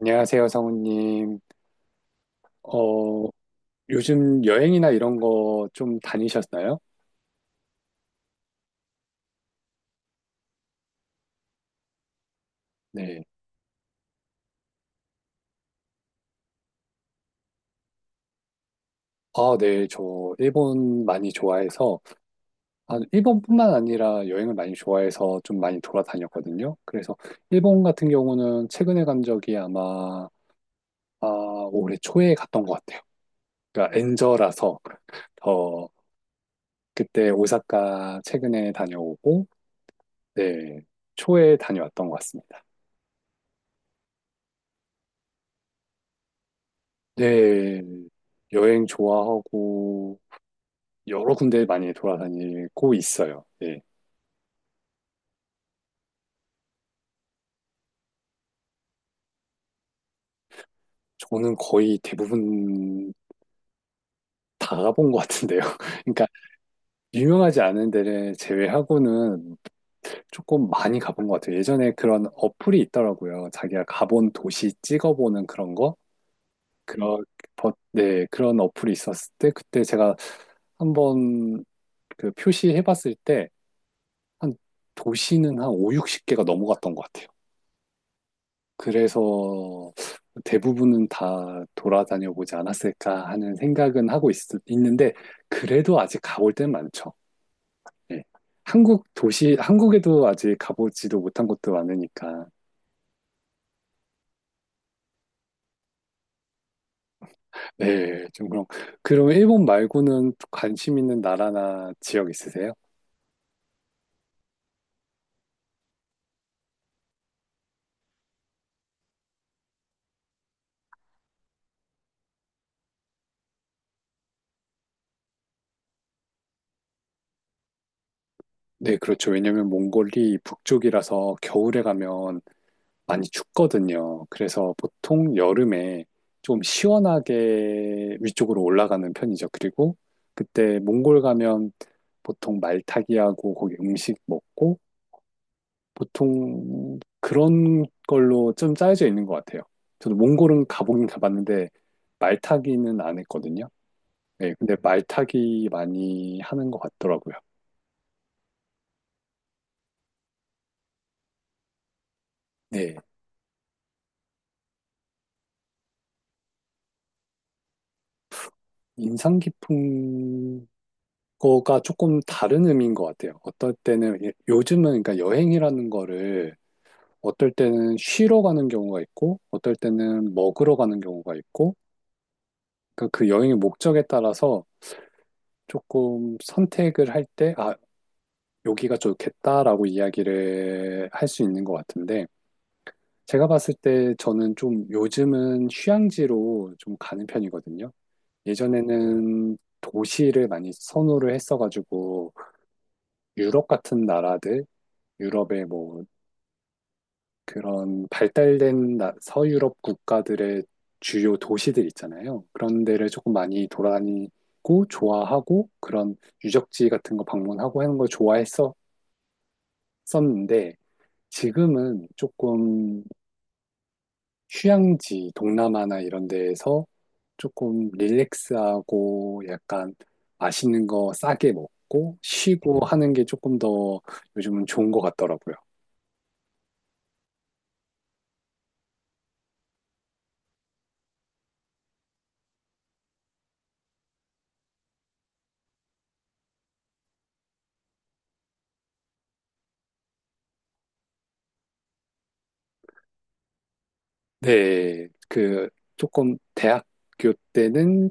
안녕하세요, 성우님. 어, 요즘 여행이나 이런 거 좀 다니셨나요? 네. 아, 네. 저 일본 많이 좋아해서, 아, 일본뿐만 아니라 여행을 많이 좋아해서 좀 많이 돌아다녔거든요. 그래서 일본 같은 경우는 최근에 간 적이 아마, 아, 올해 초에 갔던 것 같아요. 그러니까 엔저라서 더 그때 오사카 최근에 다녀오고, 네. 초에 다녀왔던 것 같습니다. 네, 여행 좋아하고, 여러 군데 많이 돌아다니고 있어요. 예. 저는 거의 대부분 다 가본 것 같은데요. 그러니까 유명하지 않은 데를 제외하고는 조금 많이 가본 것 같아요. 예전에 그런 어플이 있더라고요. 자기가 가본 도시 찍어보는 그런 거? 그런, 네, 그런 어플이 있었을 때 그때 제가 한번 그 표시해봤을 때 한 도시는 한 5, 60개가 넘어갔던 것 같아요. 그래서 대부분은 다 돌아다녀 보지 않았을까 하는 생각은 하고 있, 는데 그래도 아직 가볼 데는 많죠. 예. 한국 도시, 한국에도 아직 가보지도 못한 곳도 많으니까. 네, 좀 그럼. 그럼 일본 말고는 관심 있는 나라나 지역 있으세요? 네, 그렇죠. 왜냐면 몽골이 북쪽이라서 겨울에 가면 많이 춥거든요. 그래서 보통 여름에 좀 시원하게 위쪽으로 올라가는 편이죠. 그리고 그때 몽골 가면 보통 말타기하고 거기 음식 먹고 보통 그런 걸로 좀 짜여져 있는 것 같아요. 저도 몽골은 가보긴 가봤는데 말타기는 안 했거든요. 네, 근데 말타기 많이 하는 것 같더라고요. 네, 인상 깊은 거가 조금 다른 의미인 것 같아요. 어떨 때는 예, 요즘은 그러니까 여행이라는 거를 어떨 때는 쉬러 가는 경우가 있고 어떨 때는 먹으러 가는 경우가 있고 그러니까 그 여행의 목적에 따라서 조금 선택을 할 때 아, 여기가 좋겠다라고 이야기를 할 수 있는 것 같은데 제가 봤을 때 저는 좀 요즘은 휴양지로 좀 가는 편이거든요. 예전에는 도시를 많이 선호를 했어가지고 유럽 같은 나라들 유럽의 뭐 그런 발달된 서유럽 국가들의 주요 도시들 있잖아요. 그런 데를 조금 많이 돌아다니고 좋아하고 그런 유적지 같은 거 방문하고 하는 걸 좋아했었는데 지금은 조금 휴양지 동남아나 이런 데에서 조금 릴렉스하고 약간 맛있는 거 싸게 먹고 쉬고 하는 게 조금 더 요즘은 좋은 것 같더라고요. 네, 그 조금 대학 학교 때는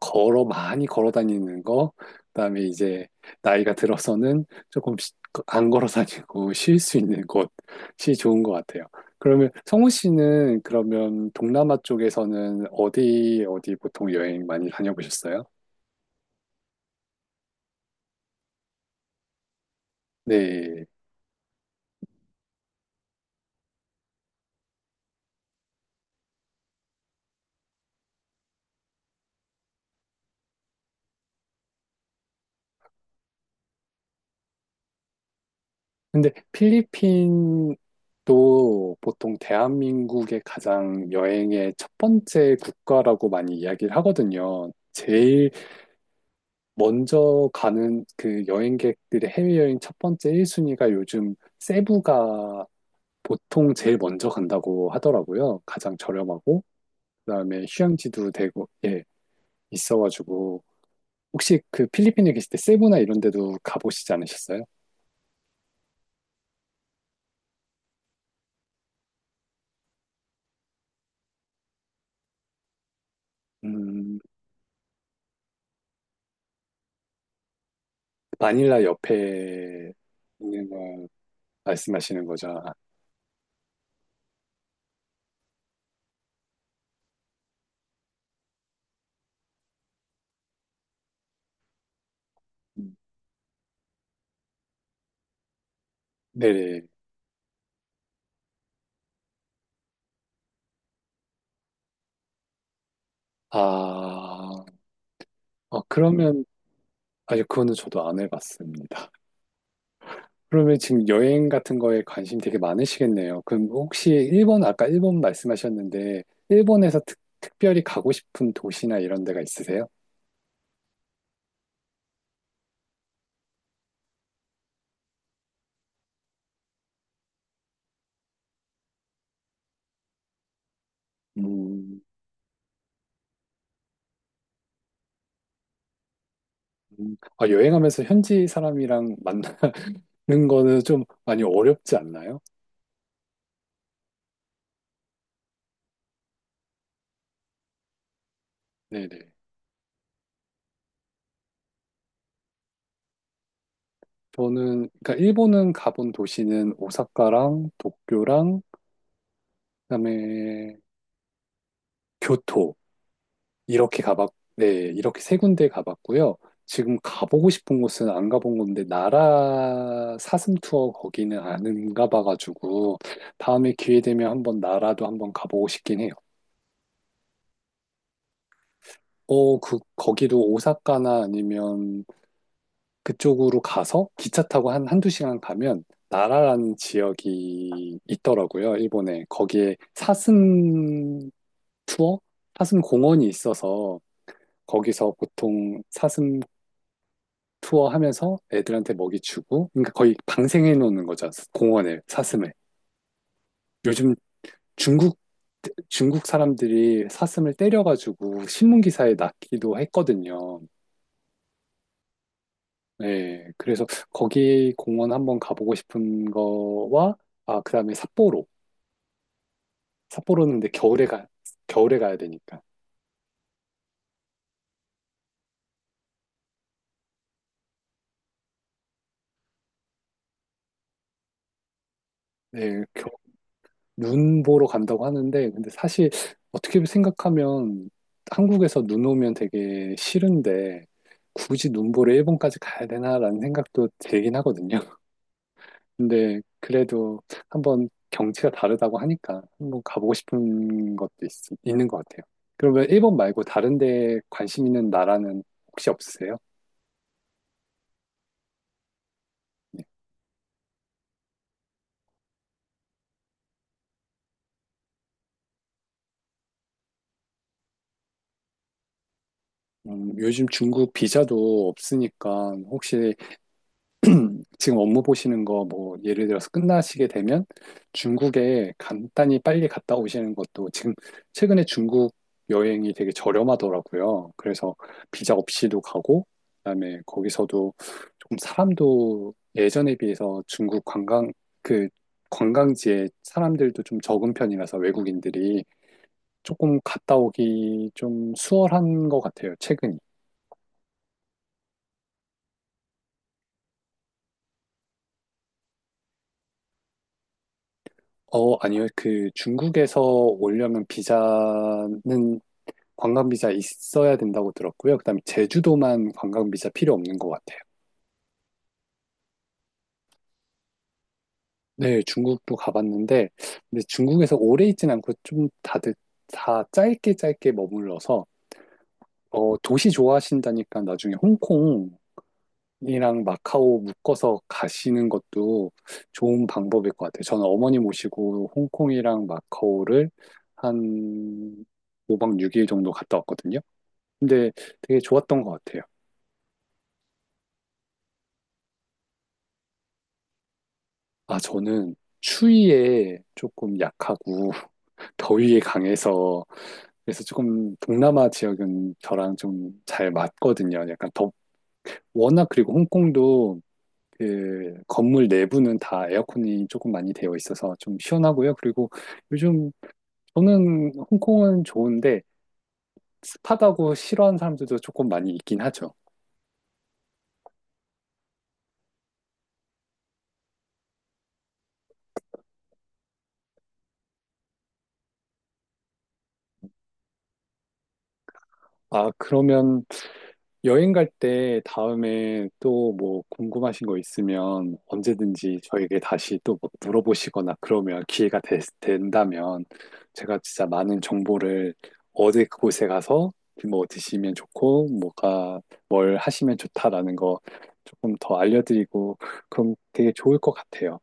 걸어 많이 걸어 다니는 거 그다음에 이제 나이가 들어서는 조금 안 걸어 다니고 쉴 수 있는 곳이 좋은 것 같아요. 그러면 성우 씨는 그러면 동남아 쪽에서는 어디 어디 보통 여행 많이 다녀보셨어요? 네. 근데 필리핀도 보통 대한민국의 가장 여행의 첫 번째 국가라고 많이 이야기를 하거든요. 제일 먼저 가는 그 여행객들의 해외여행 첫 번째 1순위가 요즘 세부가 보통 제일 먼저 간다고 하더라고요. 가장 저렴하고, 그다음에 휴양지도 되고, 예, 있어가지고. 혹시 그 필리핀에 계실 때 세부나 이런 데도 가보시지 않으셨어요? 음, 마닐라 옆에 있는 걸 말씀하시는 거죠. 아, 음, 네네. 아, 어, 그러면, 아니, 그거는 저도 안 해봤습니다. 그러면 지금 여행 같은 거에 관심 되게 많으시겠네요. 그럼 혹시 일본, 아까 일본 말씀하셨는데, 일본에서 특별히 가고 싶은 도시나 이런 데가 있으세요? 음, 아, 여행하면서 현지 사람이랑 만나는 거는 좀 많이 어렵지 않나요? 네네. 저는, 그러니까 일본은 가본 도시는 오사카랑 도쿄랑, 그다음에 교토. 이렇게 가봤, 네, 이렇게 세 군데 가봤고요. 지금 가보고 싶은 곳은 안 가본 건데, 나라 사슴 투어 거기는 안 가봐가지고, 다음에 기회 되면 한번 나라도 한번 가보고 싶긴 해요. 어, 그, 거기도 오사카나 아니면 그쪽으로 가서 기차 타고 한 한두 시간 가면 나라라는 지역이 있더라고요, 일본에. 거기에 사슴 투어? 사슴 공원이 있어서 거기서 보통 사슴 투어하면서 애들한테 먹이 주고, 그러니까 거의 방생해 놓는 거죠. 공원을, 사슴을. 요즘 중국, 중국 사람들이 사슴을 때려가지고 신문 기사에 났기도 했거든요. 네, 그래서 거기 공원 한번 가보고 싶은 거와, 아, 그 다음에 삿포로. 삿포로는 근데 겨울에 가, 겨울에 가야 되니까. 네, 눈 보러 간다고 하는데, 근데 사실 어떻게 생각하면 한국에서 눈 오면 되게 싫은데, 굳이 눈 보러 일본까지 가야 되나라는 생각도 들긴 하거든요. 근데 그래도 한번 경치가 다르다고 하니까 한번 가보고 싶은 것도 있, 있는 것 같아요. 그러면 일본 말고 다른 데 관심 있는 나라는 혹시 없으세요? 네. 요즘 중국 비자도 없으니까 혹시 지금 업무 보시는 거 뭐 예를 들어서 끝나시게 되면 중국에 간단히 빨리 갔다 오시는 것도 지금 최근에 중국 여행이 되게 저렴하더라고요. 그래서 비자 없이도 가고 그다음에 거기서도 조금 사람도 예전에 비해서 중국 관광 그 관광지에 사람들도 좀 적은 편이라서 외국인들이 조금 갔다 오기 좀 수월한 것 같아요. 최근이. 어, 아니요. 그 중국에서 오려면 비자는 관광 비자 있어야 된다고 들었고요. 그다음에 제주도만 관광 비자 필요 없는 것 같아요. 네, 중국도 가봤는데 근데 중국에서 오래 있진 않고 좀 다들 다 짧게 짧게 머물러서 어, 도시 좋아하신다니까 나중에 홍콩이랑 마카오 묶어서 가시는 것도 좋은 방법일 것 같아요. 저는 어머니 모시고 홍콩이랑 마카오를 한 5박 6일 정도 갔다 왔거든요. 근데 되게 좋았던 것 같아요. 아, 저는 추위에 조금 약하고 더위에 강해서 그래서 조금 동남아 지역은 저랑 좀 잘 맞거든요. 워낙 그리고 홍콩도 그 건물 내부는 다 에어컨이 조금 많이 되어 있어서 좀 시원하고요. 그리고 요즘 저는 홍콩은 좋은데 습하다고 싫어하는 사람들도 조금 많이 있긴 하죠. 아, 그러면 여행 갈 때 다음에 또 뭐 궁금하신 거 있으면 언제든지 저에게 다시 또 뭐 물어보시거나 그러면 기회가 된다면 제가 진짜 많은 정보를 어디 그곳에 가서 뭐 드시면 좋고 뭐가 뭘 하시면 좋다라는 거 조금 더 알려드리고 그럼 되게 좋을 것 같아요.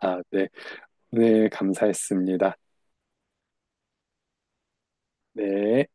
아, 네. 오늘 감사했습니다. 네.